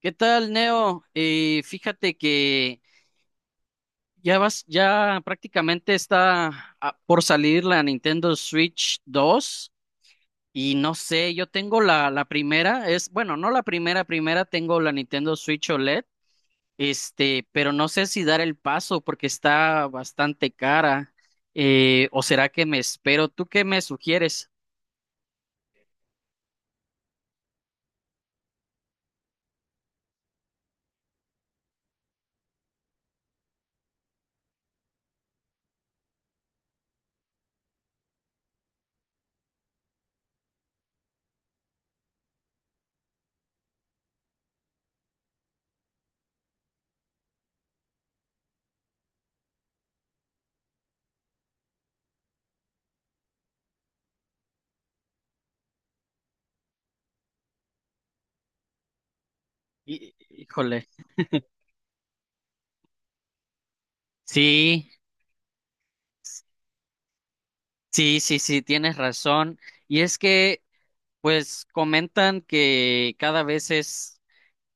¿Qué tal, Neo? Fíjate que ya prácticamente está por salir la Nintendo Switch 2. Y no sé, yo tengo la primera, bueno, no la primera, primera tengo la Nintendo Switch OLED. Pero no sé si dar el paso porque está bastante cara, o será que me espero. ¿Tú qué me sugieres? Híjole. Sí. Sí, sí, sí, tienes razón. Y es que Pues comentan que cada vez es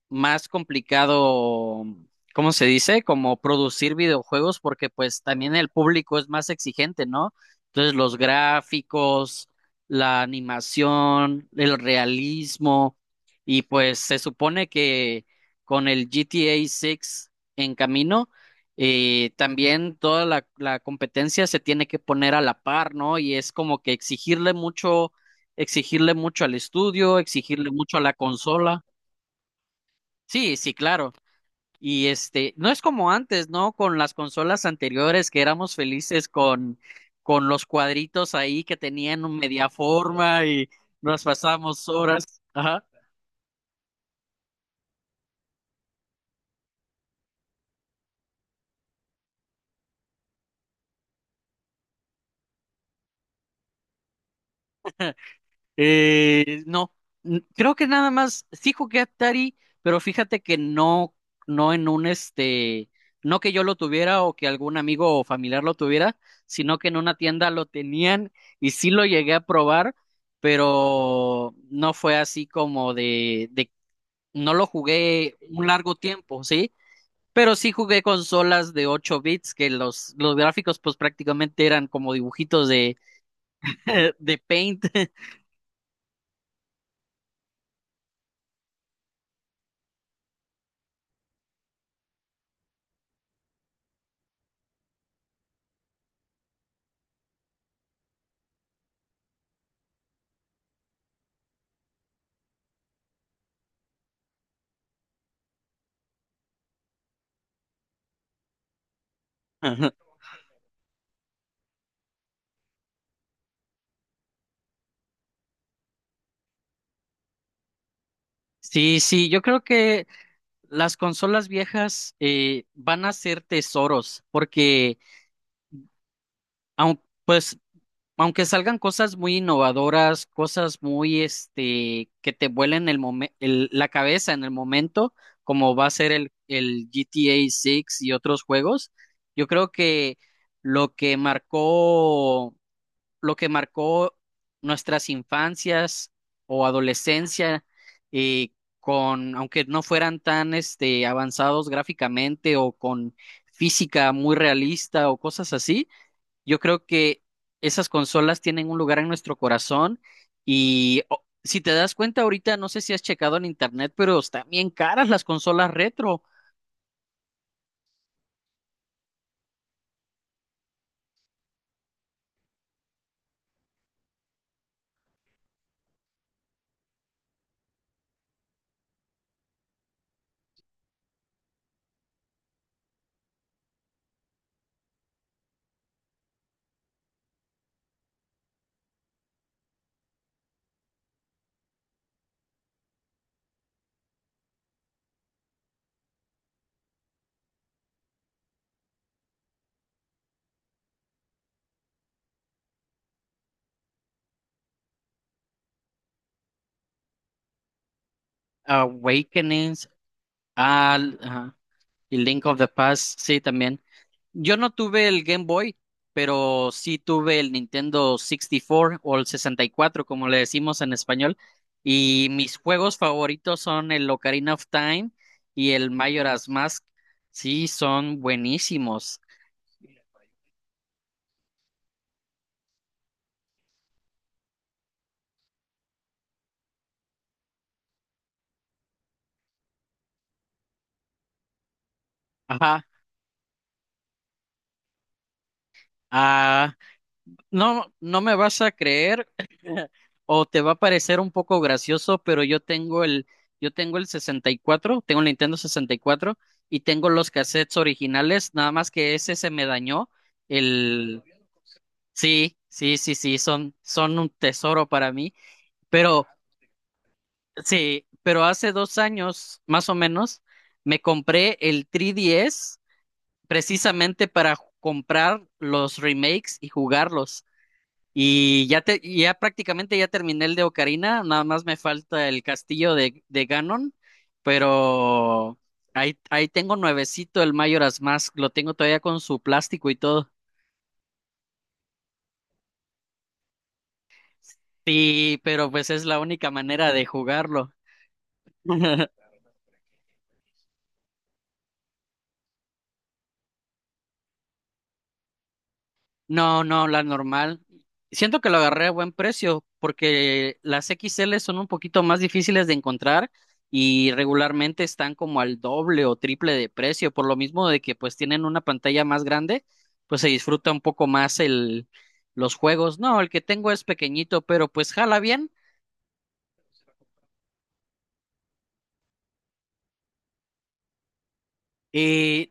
más complicado. ¿Cómo se dice? Como producir videojuegos porque pues también el público es más exigente, ¿no? Entonces los gráficos, la animación, el realismo, y pues se supone que con el GTA 6 en camino, también toda la competencia se tiene que poner a la par, ¿no? Y es como que exigirle mucho al estudio, exigirle mucho a la consola. Sí, sí, claro. Y no es como antes, ¿no? Con las consolas anteriores, que éramos felices con, los cuadritos ahí que tenían un media forma, y nos pasábamos horas. Ajá. No, creo que nada más, sí jugué Atari, pero fíjate que no, no en un este, no que yo lo tuviera o que algún amigo o familiar lo tuviera, sino que en una tienda lo tenían, y sí lo llegué a probar, pero no fue así como de no lo jugué un largo tiempo, ¿sí? Pero sí jugué consolas de 8 bits, que los gráficos pues prácticamente eran como dibujitos de, de Paint. Sí, sí, yo creo que las consolas viejas van a ser tesoros porque pues, aunque salgan cosas muy innovadoras, cosas muy, que te vuelen el la cabeza en el momento, como va a ser el GTA 6 y otros juegos, yo creo que lo que marcó, lo que marcó nuestras infancias o adolescencia, eh, con, aunque no fueran tan, avanzados gráficamente o con física muy realista o cosas así, yo creo que esas consolas tienen un lugar en nuestro corazón. Y si te das cuenta ahorita, no sé si has checado en internet, pero están bien caras las consolas retro. Awakenings, al ajá, y Link of the Past, sí, también. Yo no tuve el Game Boy, pero sí tuve el Nintendo 64, o el 64 como le decimos en español. Y mis juegos favoritos son el Ocarina of Time y el Majora's Mask. Sí, son buenísimos. Ajá. Ah, no, no me vas a creer, o te va a parecer un poco gracioso, pero yo tengo el sesenta y cuatro, tengo el Nintendo 64, y tengo los cassettes originales, nada más que ese se me dañó. El, sí, sí, sí, sí, son un tesoro para mí. Pero, sí, pero hace 2 años, más o menos, me compré el 3DS precisamente para comprar los remakes y jugarlos. Y ya prácticamente ya terminé el de Ocarina, nada más me falta el castillo de Ganon, pero ahí tengo nuevecito el Majora's Mask, lo tengo todavía con su plástico y todo. Sí, pero pues es la única manera de jugarlo. No, no, la normal. Siento que lo agarré a buen precio porque las XL son un poquito más difíciles de encontrar, y regularmente están como al doble o triple de precio, por lo mismo de que pues tienen una pantalla más grande, pues se disfruta un poco más el los juegos. No, el que tengo es pequeñito, pero pues jala bien. Eh,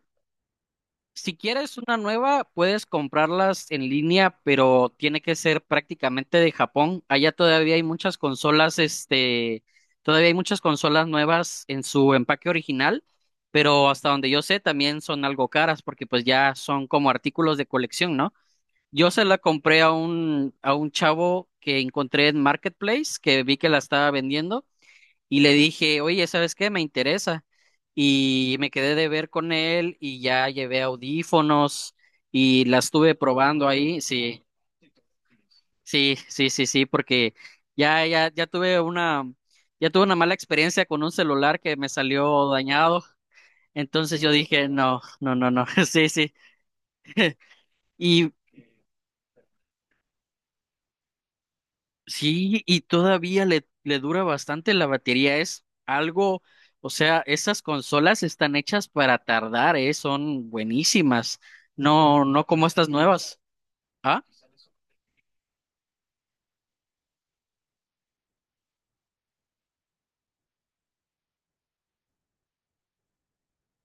Si quieres una nueva, puedes comprarlas en línea, pero tiene que ser prácticamente de Japón. Allá todavía hay muchas consolas, todavía hay muchas consolas nuevas en su empaque original, pero hasta donde yo sé también son algo caras porque pues ya son como artículos de colección, ¿no? Yo se la compré a un, chavo que encontré en Marketplace, que vi que la estaba vendiendo. Y le dije, oye, ¿sabes qué? Me interesa. Y me quedé de ver con él, y ya llevé audífonos, y la estuve probando ahí. Sí, sí, sí, sí, sí, porque ya, ya, ya tuve una, ya tuve una mala experiencia con un celular que me salió dañado. Entonces yo dije, no, no, no, no, sí, sí. Sí, y todavía le dura bastante la batería. Es algo, o sea, esas consolas están hechas para tardar, ¿eh? Son buenísimas. No, no como estas nuevas. ¿Ah?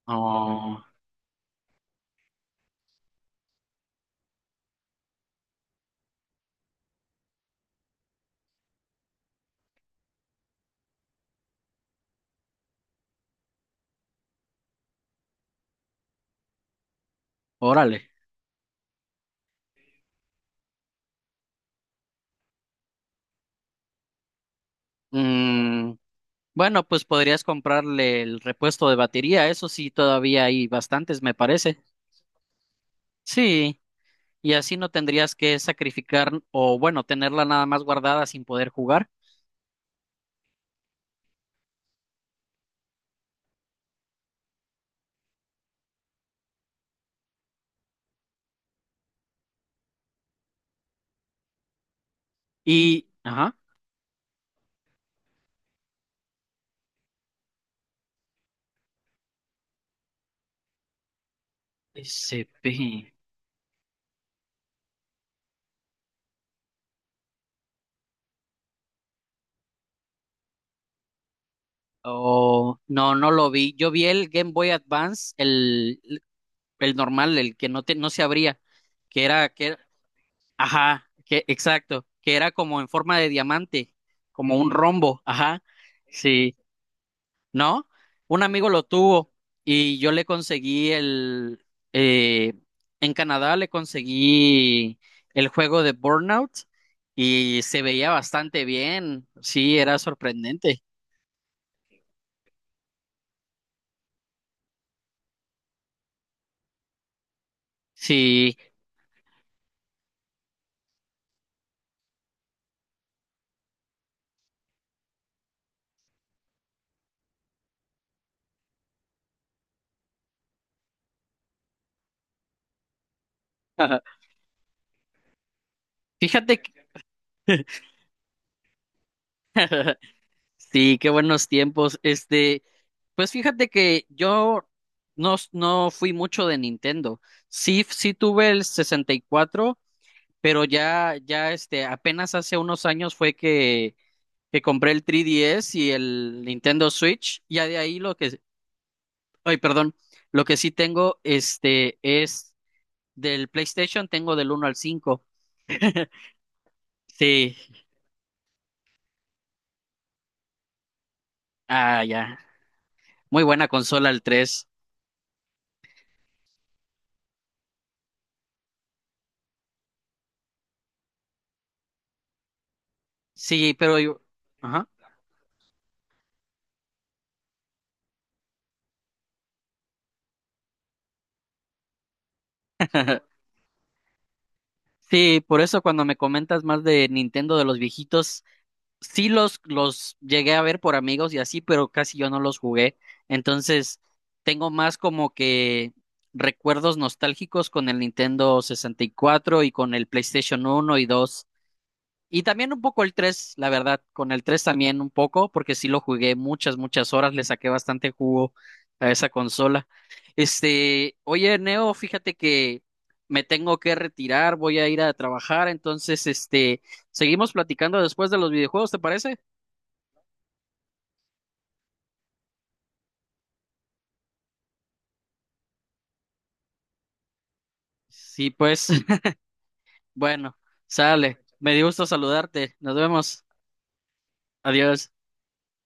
Oh, órale. Mm, bueno, pues podrías comprarle el repuesto de batería. Eso sí, todavía hay bastantes, me parece. Sí, y así no tendrías que sacrificar, o bueno, tenerla nada más guardada sin poder jugar. Y, ajá, SP. Oh, no, no lo vi. Yo vi el Game Boy Advance, el normal, el que no se abría, que era, que era- ajá, exacto, que era como en forma de diamante, como un rombo, ajá, sí, ¿no? Un amigo lo tuvo, y yo le conseguí eh, en Canadá le conseguí el juego de Burnout, y se veía bastante bien, sí, era sorprendente, sí, fíjate que... Sí, qué buenos tiempos. Pues fíjate que yo no, no fui mucho de Nintendo. Sí, sí tuve el 64, pero apenas hace unos años fue que, compré el 3DS y el Nintendo Switch. Ya de ahí ay, perdón, lo que sí tengo, es del PlayStation, tengo del uno al 5. Sí, ah, ya. Muy buena consola el 3. Sí, pero yo, ajá. Sí, por eso cuando me comentas más de Nintendo de los viejitos, sí los llegué a ver por amigos y así, pero casi yo no los jugué. Entonces, tengo más como que recuerdos nostálgicos con el Nintendo 64 y cuatro, y con el PlayStation 1 y 2. Y también un poco el tres, la verdad, con el 3 también un poco, porque sí lo jugué muchas, muchas horas, le saqué bastante jugo a esa consola. Oye, Neo, fíjate que me tengo que retirar, voy a ir a trabajar. Entonces, seguimos platicando después de los videojuegos, ¿te parece? Sí, pues, bueno, sale. Me dio gusto saludarte. Nos vemos. Adiós.